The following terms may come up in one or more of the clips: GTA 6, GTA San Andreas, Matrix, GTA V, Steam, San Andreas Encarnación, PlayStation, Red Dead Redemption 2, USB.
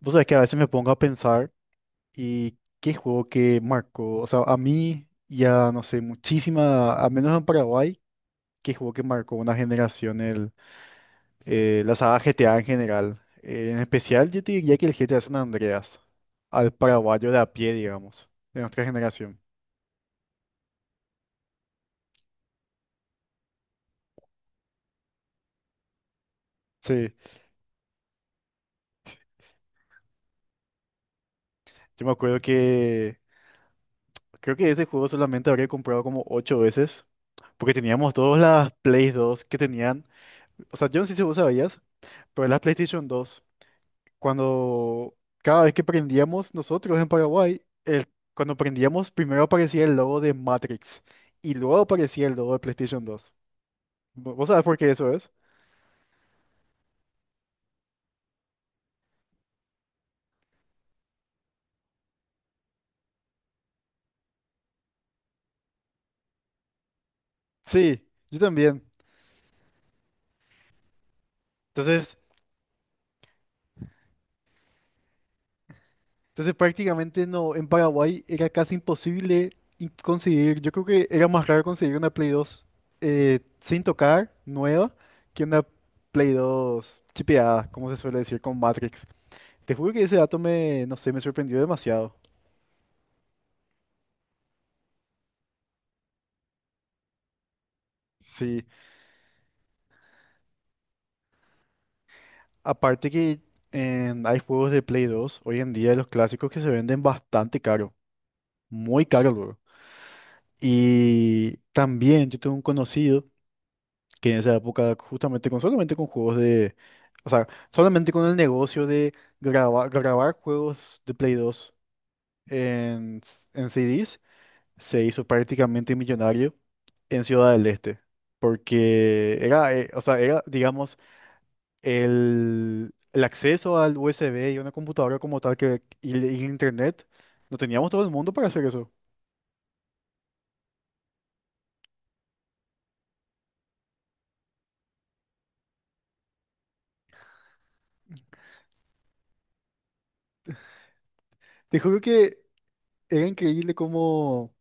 Vos sabés que a veces me pongo a pensar y qué juego que marcó, o sea, a mí ya no sé, muchísima, al menos en Paraguay, qué juego que marcó una generación, la saga GTA en general. En especial yo te diría que el GTA San Andreas, al paraguayo de a pie, digamos, de nuestra generación. Sí, yo me acuerdo que creo que ese juego solamente habría comprado como ocho veces, porque teníamos todas las Play dos que tenían. O sea, yo no sé si vos sabías, pero las PlayStation dos cuando cada vez que prendíamos nosotros en Paraguay, cuando prendíamos primero aparecía el logo de Matrix y luego aparecía el logo de PlayStation dos. ¿Vos sabés por qué eso es? Sí, yo también. Entonces, entonces, prácticamente no, en Paraguay era casi imposible conseguir. Yo creo que era más raro conseguir una Play dos sin tocar, nueva, que una Play dos chipeada, como se suele decir, con Matrix. Te juro que ese dato me, no sé, me sorprendió demasiado. Sí. Aparte que hay juegos de Play 2 hoy en día, los clásicos que se venden bastante caro, muy caro, luego. Y también yo tengo un conocido que en esa época, justamente con solamente con juegos de, o sea, solamente con el negocio de grabar juegos de Play 2 en CDs, se hizo prácticamente millonario en Ciudad del Este. Porque era, o sea, era, digamos, el acceso al USB y una computadora como tal y el internet, no teníamos todo el mundo para hacer eso. Te juro que era increíble cómo,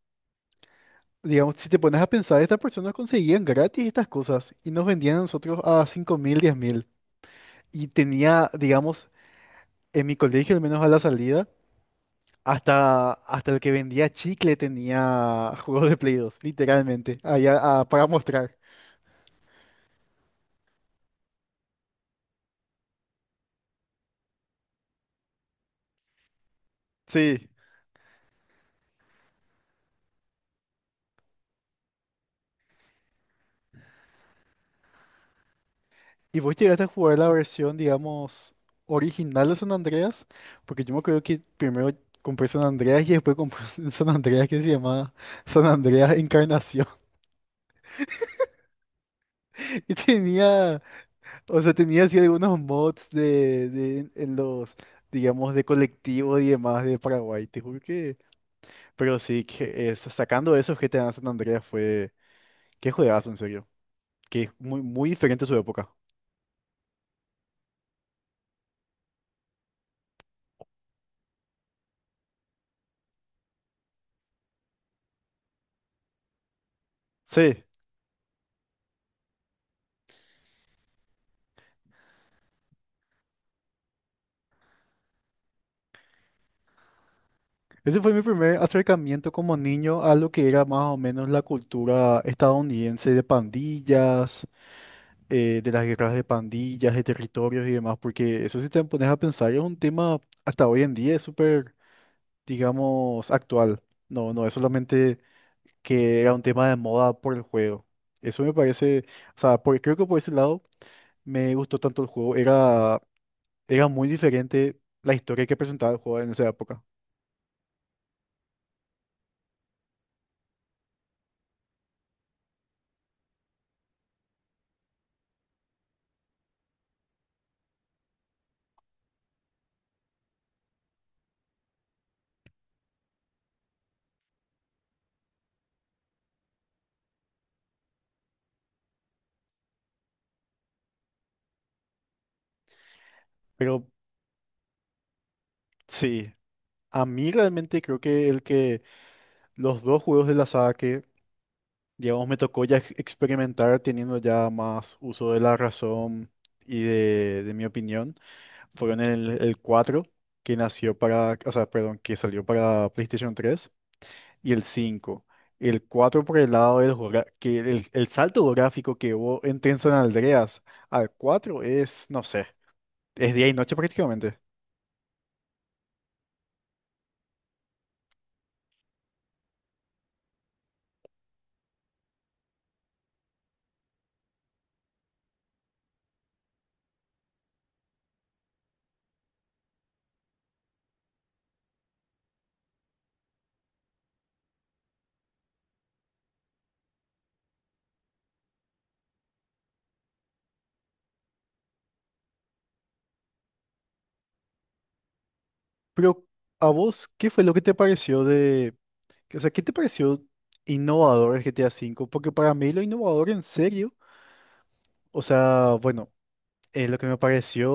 digamos, si te pones a pensar, estas personas conseguían gratis estas cosas y nos vendían a nosotros a 5.000, 10.000. Y tenía, digamos, en mi colegio, al menos a la salida, hasta el que vendía chicle tenía juegos de Play dos literalmente, ahí para mostrar. Sí. ¿Y vos llegaste a jugar la versión, digamos, original de San Andreas? Porque yo me acuerdo que primero compré San Andreas y después compré un San Andreas que se llamaba San Andreas Encarnación. Y tenía, o sea, tenía así algunos mods en los, digamos, de colectivo y demás de Paraguay. Te juro que. Pero sí, que sacando eso, GTA San Andreas fue. Qué juegazo, en serio. Que es muy, muy diferente a su época. Sí. Ese fue mi primer acercamiento como niño a lo que era más o menos la cultura estadounidense de pandillas, de las guerras de pandillas, de territorios y demás, porque eso, si te pones a pensar, es un tema hasta hoy en día, es súper, digamos, actual. No, no es solamente que era un tema de moda por el juego. Eso me parece, o sea, creo que por ese lado me gustó tanto el juego. Era muy diferente la historia que presentaba el juego en esa época. Pero sí. A mí realmente creo que el que los dos juegos de la saga que, digamos, me tocó ya experimentar teniendo ya más uso de la razón y de mi opinión, fueron el 4, que nació para, o sea, perdón, que salió para PlayStation tres, y el cinco. El 4 por el lado que el salto gráfico que hubo entre San Andreas al 4 es, no sé, es día y noche prácticamente. Pero a vos, ¿qué fue lo que te pareció de? O sea, ¿qué te pareció innovador el GTA V? Porque para mí lo innovador en serio, o sea, bueno, lo que me pareció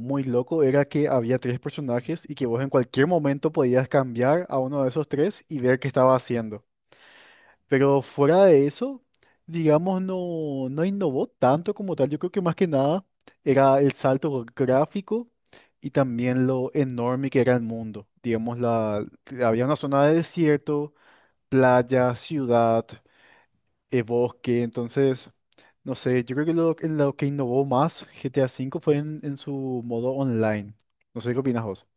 muy loco era que había tres personajes y que vos en cualquier momento podías cambiar a uno de esos tres y ver qué estaba haciendo. Pero fuera de eso, digamos, no, no innovó tanto como tal. Yo creo que más que nada era el salto gráfico y también lo enorme que era el mundo. Digamos, había una zona de desierto, playa, ciudad, bosque. Entonces, no sé, yo creo que en lo que innovó más GTA V fue en su modo online. No sé qué opinas vos.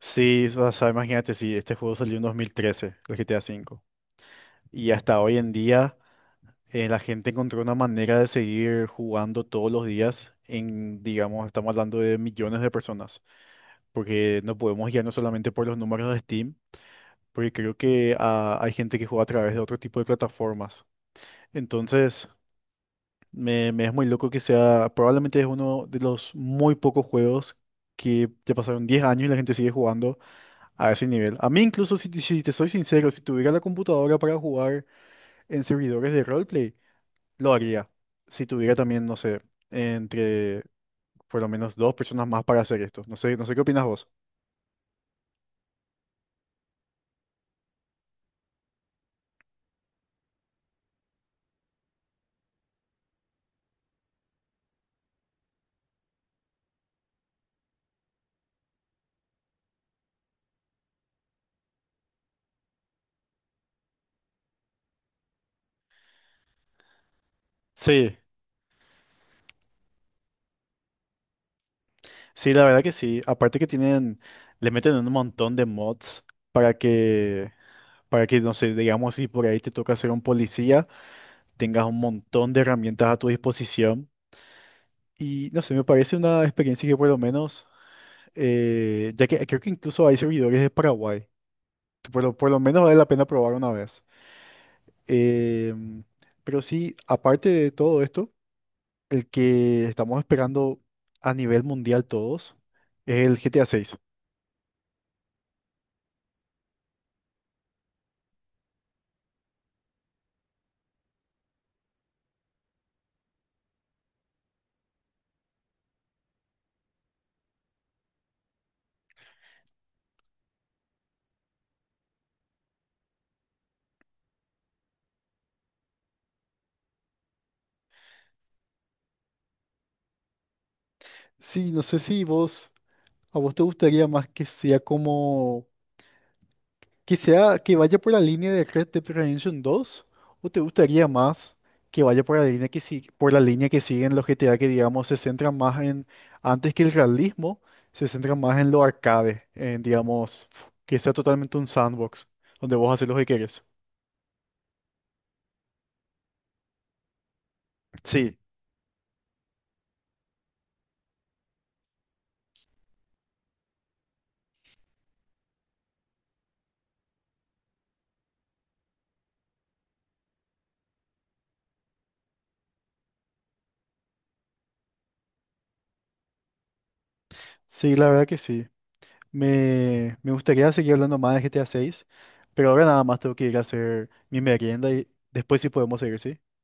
Sí, o sea, imagínate, si este juego salió en 2013 el GTA V. Y hasta hoy en día, la gente encontró una manera de seguir jugando todos los días. En, digamos, estamos hablando de millones de personas. Porque no podemos guiarnos solamente por los números de Steam, porque creo que hay gente que juega a través de otro tipo de plataformas. Entonces. Me es muy loco que sea, probablemente es uno de los muy pocos juegos que ya pasaron 10 años y la gente sigue jugando a ese nivel. A mí incluso, si te soy sincero, si tuviera la computadora para jugar en servidores de roleplay, lo haría. Si tuviera también, no sé, entre por lo menos dos personas más para hacer esto. No sé, qué opinas vos. Sí, sí, la verdad que sí. Aparte que tienen, le meten un montón de mods para que, para que, no sé, digamos, si por ahí te toca ser un policía, tengas un montón de herramientas a tu disposición. Y no sé, me parece una experiencia que por lo menos, ya que creo que incluso hay servidores de Paraguay, por lo menos vale la pena probar una vez. Em, pero sí, aparte de todo esto, el que estamos esperando a nivel mundial todos es el GTA seis. Sí, no sé si vos, a vos te gustaría más que sea como que sea, que vaya por la línea de Red Dead Redemption 2, o te gustaría más que vaya por la línea que si- por la línea que siguen los GTA, que digamos se centran más en, antes que el realismo, se centran más en lo arcade, en, digamos, que sea totalmente un sandbox donde vos haces lo que quieres. Sí, sí, la verdad que sí. Me gustaría seguir hablando más de GTA 6, pero ahora nada más tengo que ir a hacer mi merienda y después sí podemos seguir, ¿sí?